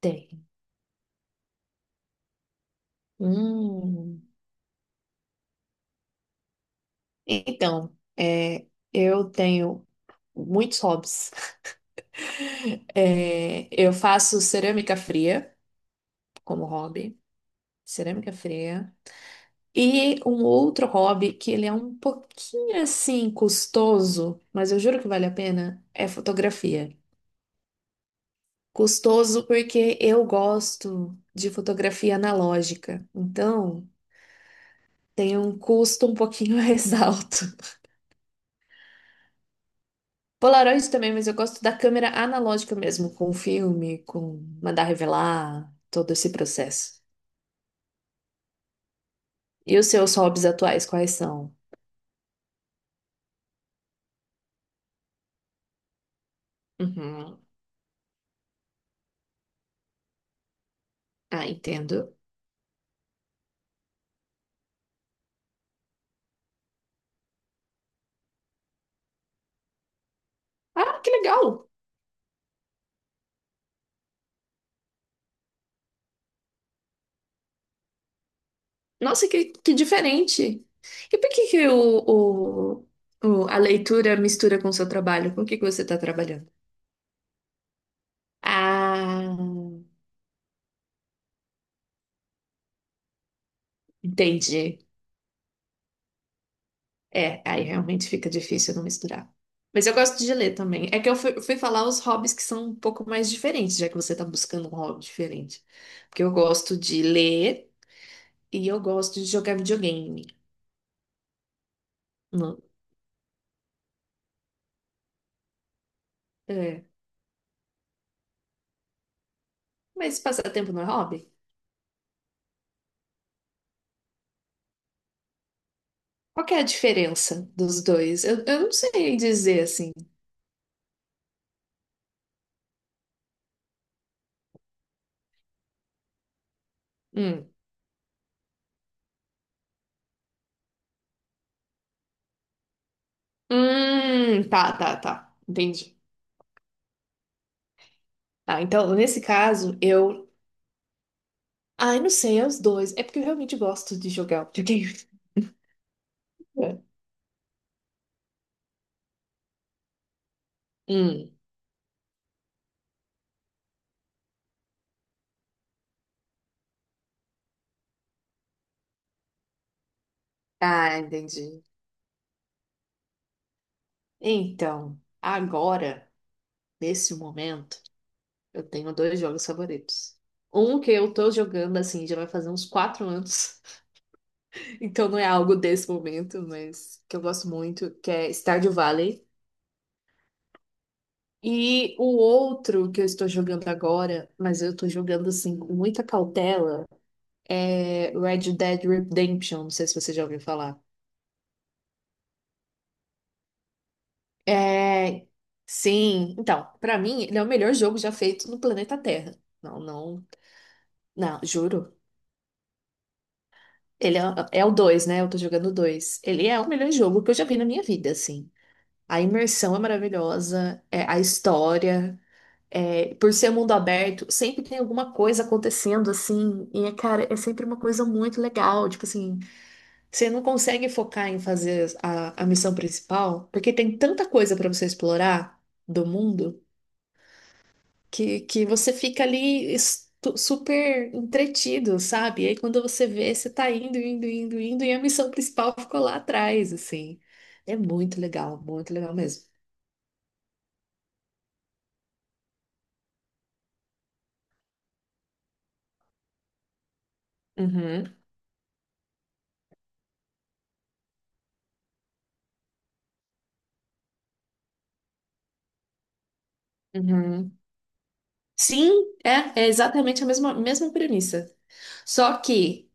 Tem. Hum. Então, eu tenho muitos hobbies. É, eu faço cerâmica fria como hobby, cerâmica fria. E um outro hobby que ele é um pouquinho assim custoso, mas eu juro que vale a pena, é fotografia. Custoso porque eu gosto de fotografia analógica, então tem um custo um pouquinho mais alto. Polaroid também, mas eu gosto da câmera analógica mesmo, com filme, com mandar revelar, todo esse processo. E os seus hobbies atuais, quais são? Uhum. Ah, entendo. Ah, que legal! Nossa, que diferente! E por que que a leitura mistura com o seu trabalho? Com o que que você está trabalhando? Ah, entendi. É, aí realmente fica difícil não misturar. Mas eu gosto de ler também. É que eu fui falar os hobbies que são um pouco mais diferentes, já que você tá buscando um hobby diferente. Porque eu gosto de ler e eu gosto de jogar videogame. Não, é. Mas passatempo não é hobby? Qual que é a diferença dos dois? Eu não sei dizer assim. Hum. Tá, tá, tá. Entendi. Tá, então, nesse caso, eu. Ai, não sei, é os dois. É porque eu realmente gosto de jogar videogame. Hum. Ah, entendi. Então, agora, nesse momento, eu tenho dois jogos favoritos. Um que eu tô jogando, assim, já vai fazer uns 4 anos. Então não é algo desse momento, mas que eu gosto muito, que é Stardew Valley. E o outro que eu estou jogando agora, mas eu tô jogando, assim, com muita cautela, é Red Dead Redemption. Não sei se você já ouviu falar. É. Sim, então, pra mim, ele é o melhor jogo já feito no planeta Terra. Não, não. Não, juro. Ele é o dois, né? Eu tô jogando o dois. Ele é o melhor jogo que eu já vi na minha vida, assim. A imersão é maravilhosa, a história, por ser um mundo aberto, sempre tem alguma coisa acontecendo, assim. E, cara, é sempre uma coisa muito legal. Tipo assim, você não consegue focar em fazer a missão principal, porque tem tanta coisa pra você explorar do mundo que você fica ali super entretido, sabe? E aí quando você vê, você tá indo, indo, indo, indo, e a missão principal ficou lá atrás, assim. É muito legal mesmo. Uhum, uhum. Sim, é exatamente a mesma premissa. Só que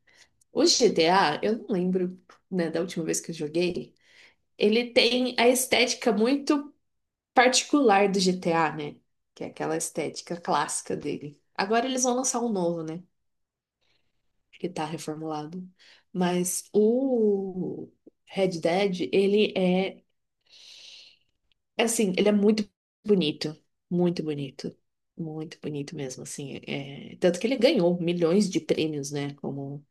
o GTA, eu não lembro, né, da última vez que eu joguei, ele tem a estética muito particular do GTA, né? Que é aquela estética clássica dele. Agora eles vão lançar um novo, né? Que tá reformulado. Mas o Red Dead, ele é, assim, ele é muito bonito, muito bonito, muito bonito mesmo, assim, tanto que ele ganhou milhões de prêmios, né, como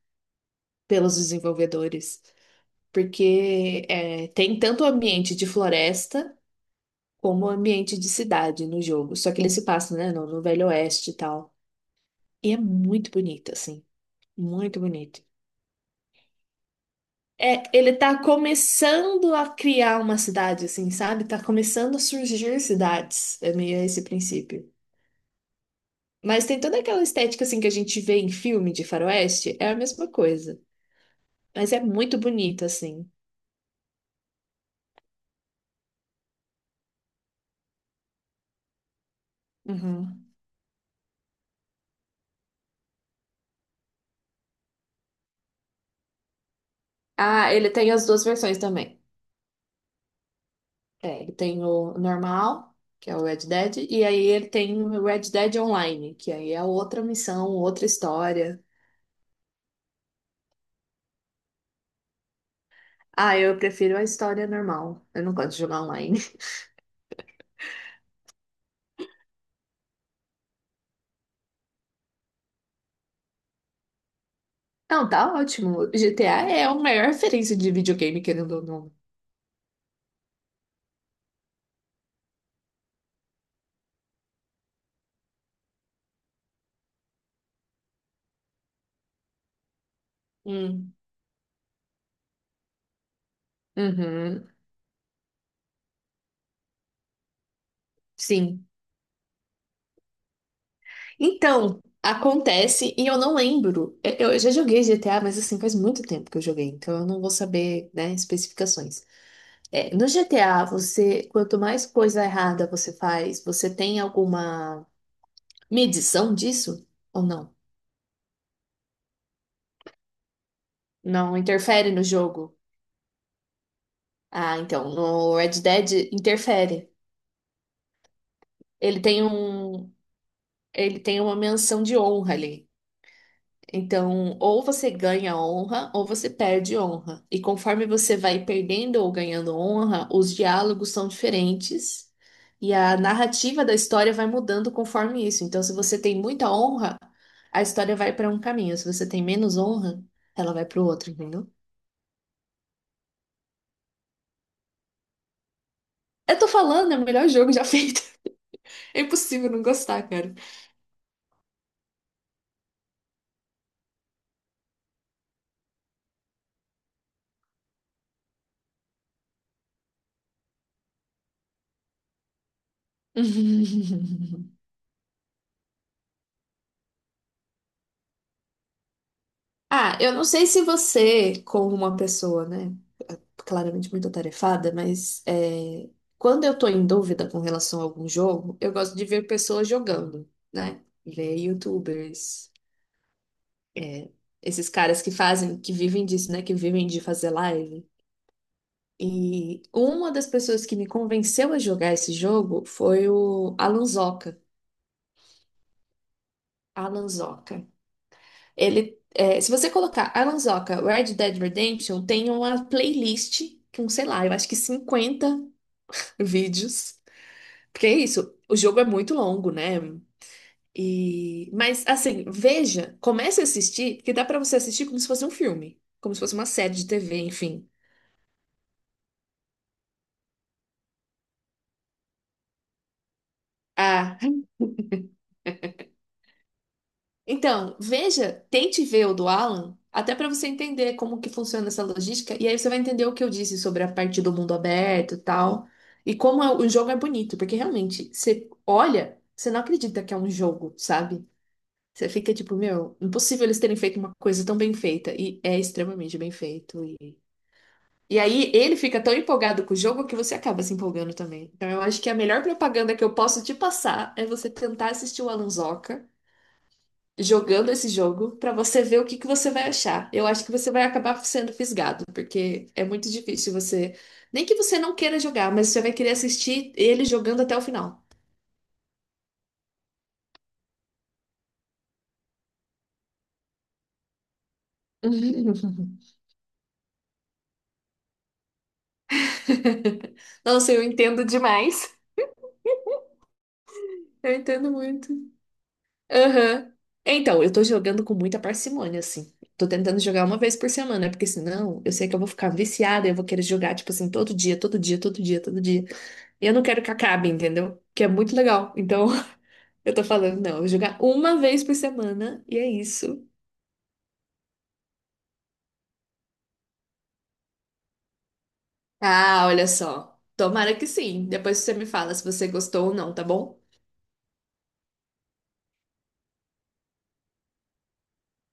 pelos desenvolvedores, porque tem tanto o ambiente de floresta como o ambiente de cidade no jogo, só que ele se passa, né, no Velho Oeste e tal, e é muito bonito, assim, muito bonito. É, ele tá começando a criar uma cidade, assim, sabe? Tá começando a surgir cidades. É meio esse princípio. Mas tem toda aquela estética, assim, que a gente vê em filme de faroeste. É a mesma coisa. Mas é muito bonito, assim. Uhum. Ah, ele tem as duas versões também. É, ele tem o normal, que é o Red Dead, e aí ele tem o Red Dead Online, que aí é outra missão, outra história. Ah, eu prefiro a história normal. Eu não gosto de jogar online. Não, tá ótimo. GTA é a maior referência de videogame, querendo ou não. Hum. Uhum, sim. Então, acontece, e eu não lembro. Eu já joguei GTA, mas assim, faz muito tempo que eu joguei, então eu não vou saber, né, especificações. É, no GTA, você, quanto mais coisa errada você faz, você tem alguma medição disso? Ou não? Não interfere no jogo? Ah, então, no Red Dead interfere. Ele tem um, ele tem uma menção de honra ali. Então, ou você ganha honra ou você perde honra. E conforme você vai perdendo ou ganhando honra, os diálogos são diferentes e a narrativa da história vai mudando conforme isso. Então, se você tem muita honra, a história vai para um caminho. Se você tem menos honra, ela vai para o outro, entendeu? Eu tô falando, é o melhor jogo já feito. É impossível não gostar, cara. Ah, eu não sei se você, como uma pessoa, né, claramente muito atarefada, mas quando eu tô em dúvida com relação a algum jogo, eu gosto de ver pessoas jogando, né? Ver YouTubers, é, esses caras que fazem, que vivem disso, né? Que vivem de fazer live. E uma das pessoas que me convenceu a jogar esse jogo foi o Alan Zoca. Alan Zoca. Ele, se você colocar Alan Zoca Red Dead Redemption, tem uma playlist com, sei lá, eu acho que 50 vídeos. Porque é isso, o jogo é muito longo, né? E, mas assim, veja, comece a assistir, porque dá pra você assistir como se fosse um filme, como se fosse uma série de TV, enfim. Ah, então, veja, tente ver o do Alan, até pra você entender como que funciona essa logística, e aí você vai entender o que eu disse sobre a parte do mundo aberto e tal, e como o jogo é bonito, porque realmente, você olha, você não acredita que é um jogo, sabe? Você fica tipo, meu, impossível eles terem feito uma coisa tão bem feita. E é extremamente bem feito. E aí ele fica tão empolgado com o jogo que você acaba se empolgando também. Então eu acho que a melhor propaganda que eu posso te passar é você tentar assistir o Alan Zoca jogando esse jogo pra você ver o que que você vai achar. Eu acho que você vai acabar sendo fisgado, porque é muito difícil você, nem que você não queira jogar, mas você vai querer assistir ele jogando até o final. Nossa, eu entendo demais. Eu entendo muito. Aham. Então, eu tô jogando com muita parcimônia, assim. Tô tentando jogar uma vez por semana, porque senão eu sei que eu vou ficar viciada, eu vou querer jogar, tipo assim, todo dia, todo dia, todo dia, todo dia. E eu não quero que acabe, entendeu? Que é muito legal. Então, eu tô falando, não, eu vou jogar uma vez por semana e é isso. Ah, olha só. Tomara que sim. Depois você me fala se você gostou ou não, tá bom?